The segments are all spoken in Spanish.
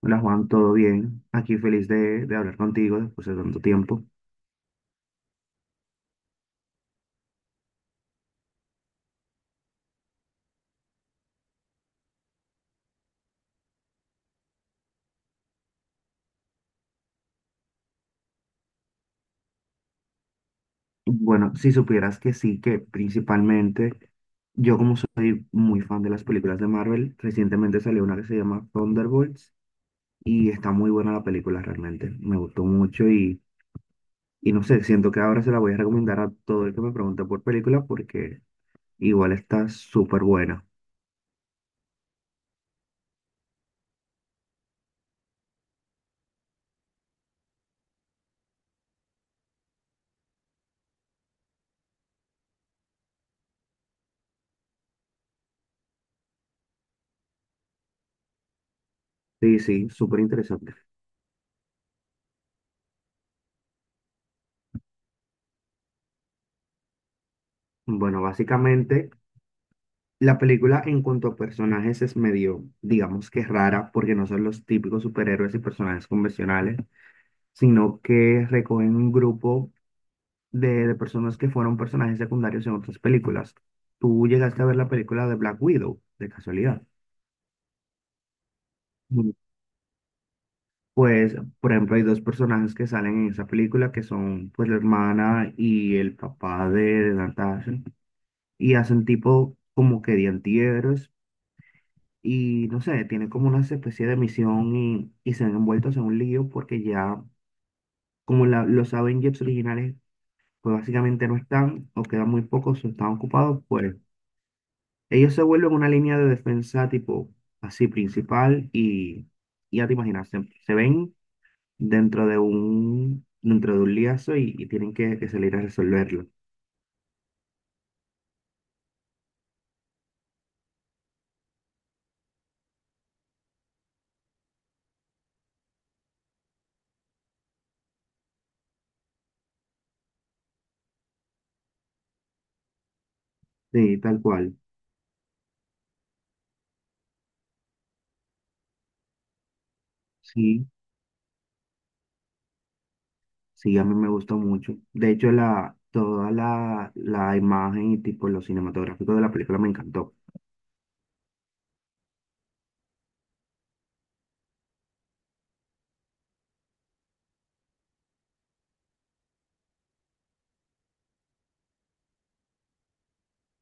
Hola Juan, ¿todo bien? Aquí feliz de hablar contigo después de tanto tiempo. Bueno, si supieras que sí, que principalmente yo como soy muy fan de las películas de Marvel, recientemente salió una que se llama Thunderbolts y está muy buena la película realmente. Me gustó mucho y no sé, siento que ahora se la voy a recomendar a todo el que me pregunte por película porque igual está súper buena. Sí, sí, súper interesante. Bueno, básicamente la película en cuanto a personajes es medio, digamos que rara, porque no son los típicos superhéroes y personajes convencionales, sino que recogen un grupo de personas que fueron personajes secundarios en otras películas. ¿Tú llegaste a ver la película de Black Widow, de casualidad? Mm. Pues, por ejemplo, hay dos personajes que salen en esa película, que son pues la hermana y el papá de Natasha, y hacen tipo como que de antihéroes y no sé, tienen como una especie de misión y se han envueltos en un lío porque ya, como los Avengers originales, pues básicamente no están o quedan muy pocos o están ocupados, pues ellos se vuelven una línea de defensa tipo así principal y ya te imaginas, se ven dentro de un liazo y tienen que salir a resolverlo. Sí, tal cual. Sí. Sí, a mí me gustó mucho. De hecho, toda la imagen y tipo lo cinematográfico de la película me encantó.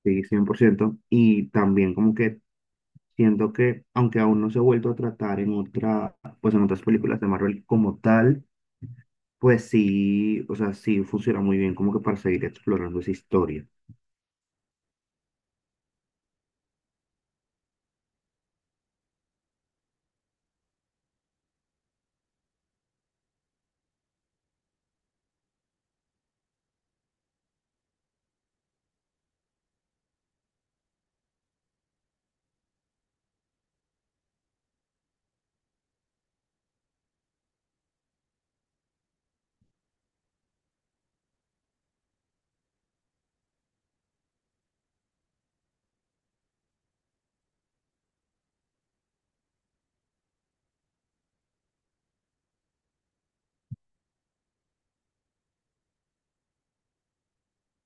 Sí, 100%. Y también como que siento que, aunque aún no se ha vuelto a tratar en otra, pues en otras películas de Marvel como tal, pues sí, o sea, sí funciona muy bien como que para seguir explorando esa historia.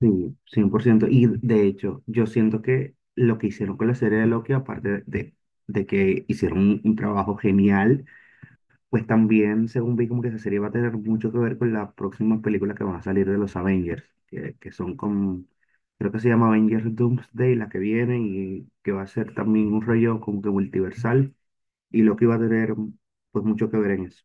Sí, 100%. Y de hecho, yo siento que lo que hicieron con la serie de Loki, aparte de que hicieron un trabajo genial, pues también, según vi, como que esa serie va a tener mucho que ver con las próximas películas que van a salir de los Avengers, que son con, creo que se llama Avengers Doomsday, la que viene, y que va a ser también un rollo como que multiversal, y lo que va a tener pues mucho que ver en eso.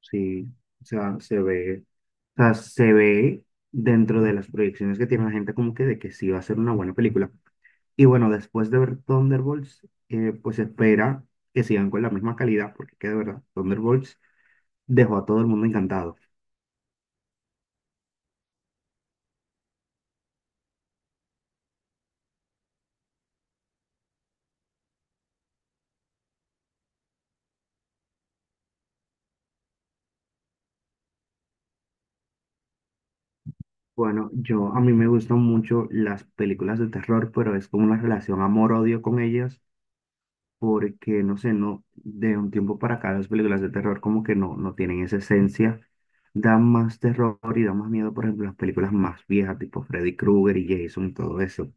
Sí, o sea, o sea, se ve dentro de las proyecciones que tiene la gente como que de que sí va a ser una buena película. Y bueno, después de ver Thunderbolts, pues se espera que sigan con la misma calidad, porque que de verdad, Thunderbolts dejó a todo el mundo encantado. Bueno, yo a mí me gustan mucho las películas de terror, pero es como una relación amor-odio con ellas, porque no sé, no, de un tiempo para acá las películas de terror como que no, no tienen esa esencia, dan más terror y dan más miedo, por ejemplo, las películas más viejas, tipo Freddy Krueger y Jason y todo eso.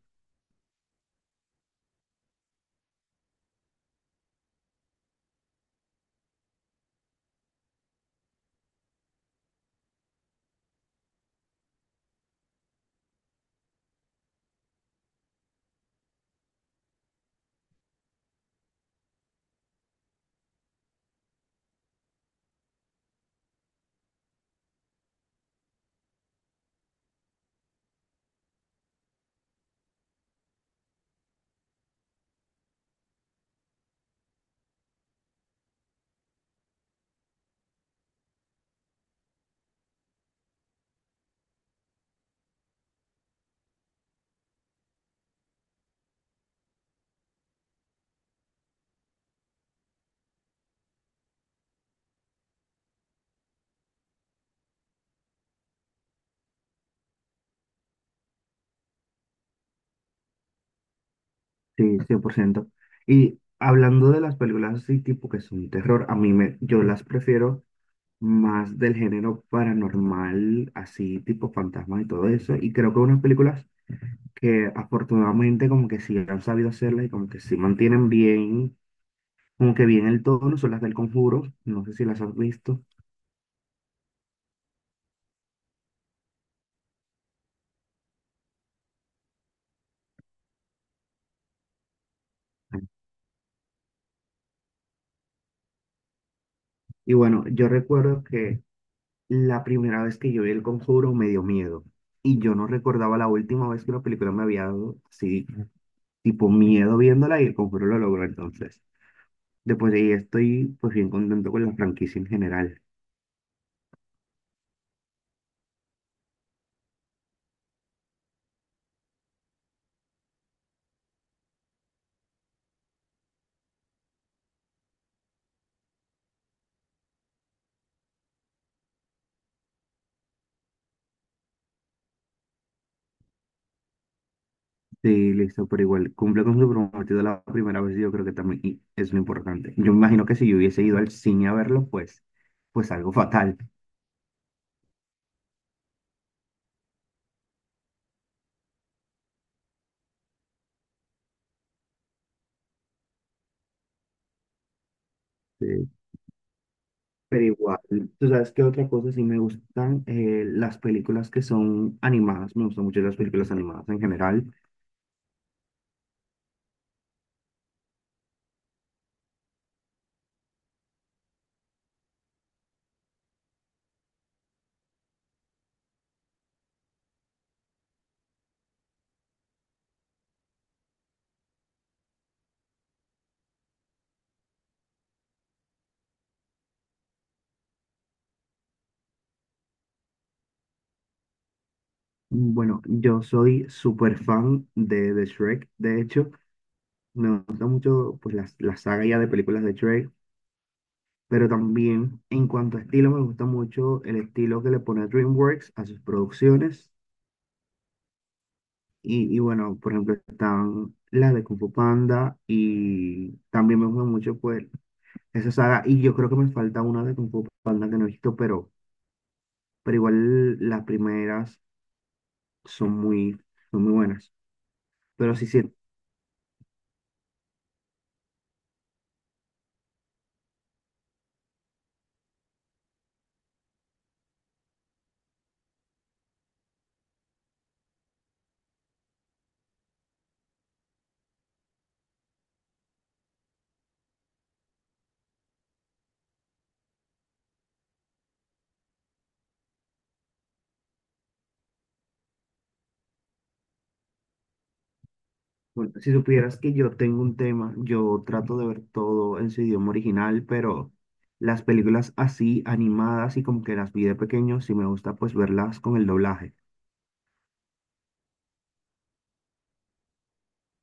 Sí, 100%. Y hablando de las películas así, tipo que son terror, yo las prefiero más del género paranormal, así tipo fantasma y todo eso. Y creo que unas películas que afortunadamente como que sí han sabido hacerlas y como que sí mantienen bien, como que bien el tono, son las del Conjuro. No sé si las has visto. Y bueno, yo recuerdo que la primera vez que yo vi El Conjuro me dio miedo. Y yo no recordaba la última vez que una película me había dado así, tipo miedo viéndola y El Conjuro lo logró entonces. Después de ahí estoy pues bien contento con la franquicia en general. Sí, listo, pero igual cumple con su prometido la primera vez, yo creo que también y es lo importante. Yo me imagino que si yo hubiese ido al cine a verlo, pues algo fatal. Sí. Pero igual, tú sabes que otra cosa sí me gustan las películas que son animadas, me gustan mucho las películas animadas en general. Bueno, yo soy súper fan de Shrek, de hecho, me gusta mucho pues, la saga ya de películas de Shrek, pero también en cuanto a estilo, me gusta mucho el estilo que le pone DreamWorks a sus producciones. Y bueno, por ejemplo, están las de Kung Fu Panda y también me gusta mucho pues esa saga. Y yo creo que me falta una de Kung Fu Panda que no he visto, pero igual las primeras son muy, son muy buenas. Pero sí, sí, bueno, si supieras que yo tengo un tema, yo trato de ver todo en su idioma original, pero las películas así, animadas y como que las vi de pequeño, sí me gusta pues verlas con el doblaje.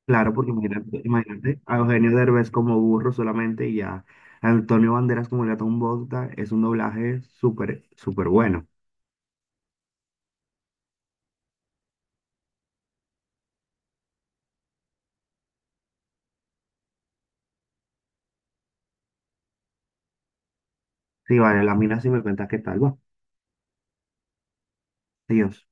Claro, porque imagínate, imagínate a Eugenio Derbez como burro solamente y a Antonio Banderas como el Gatón Bogta, es un doblaje súper bueno. Sí, vale, la mina si me cuentas qué tal va. Adiós.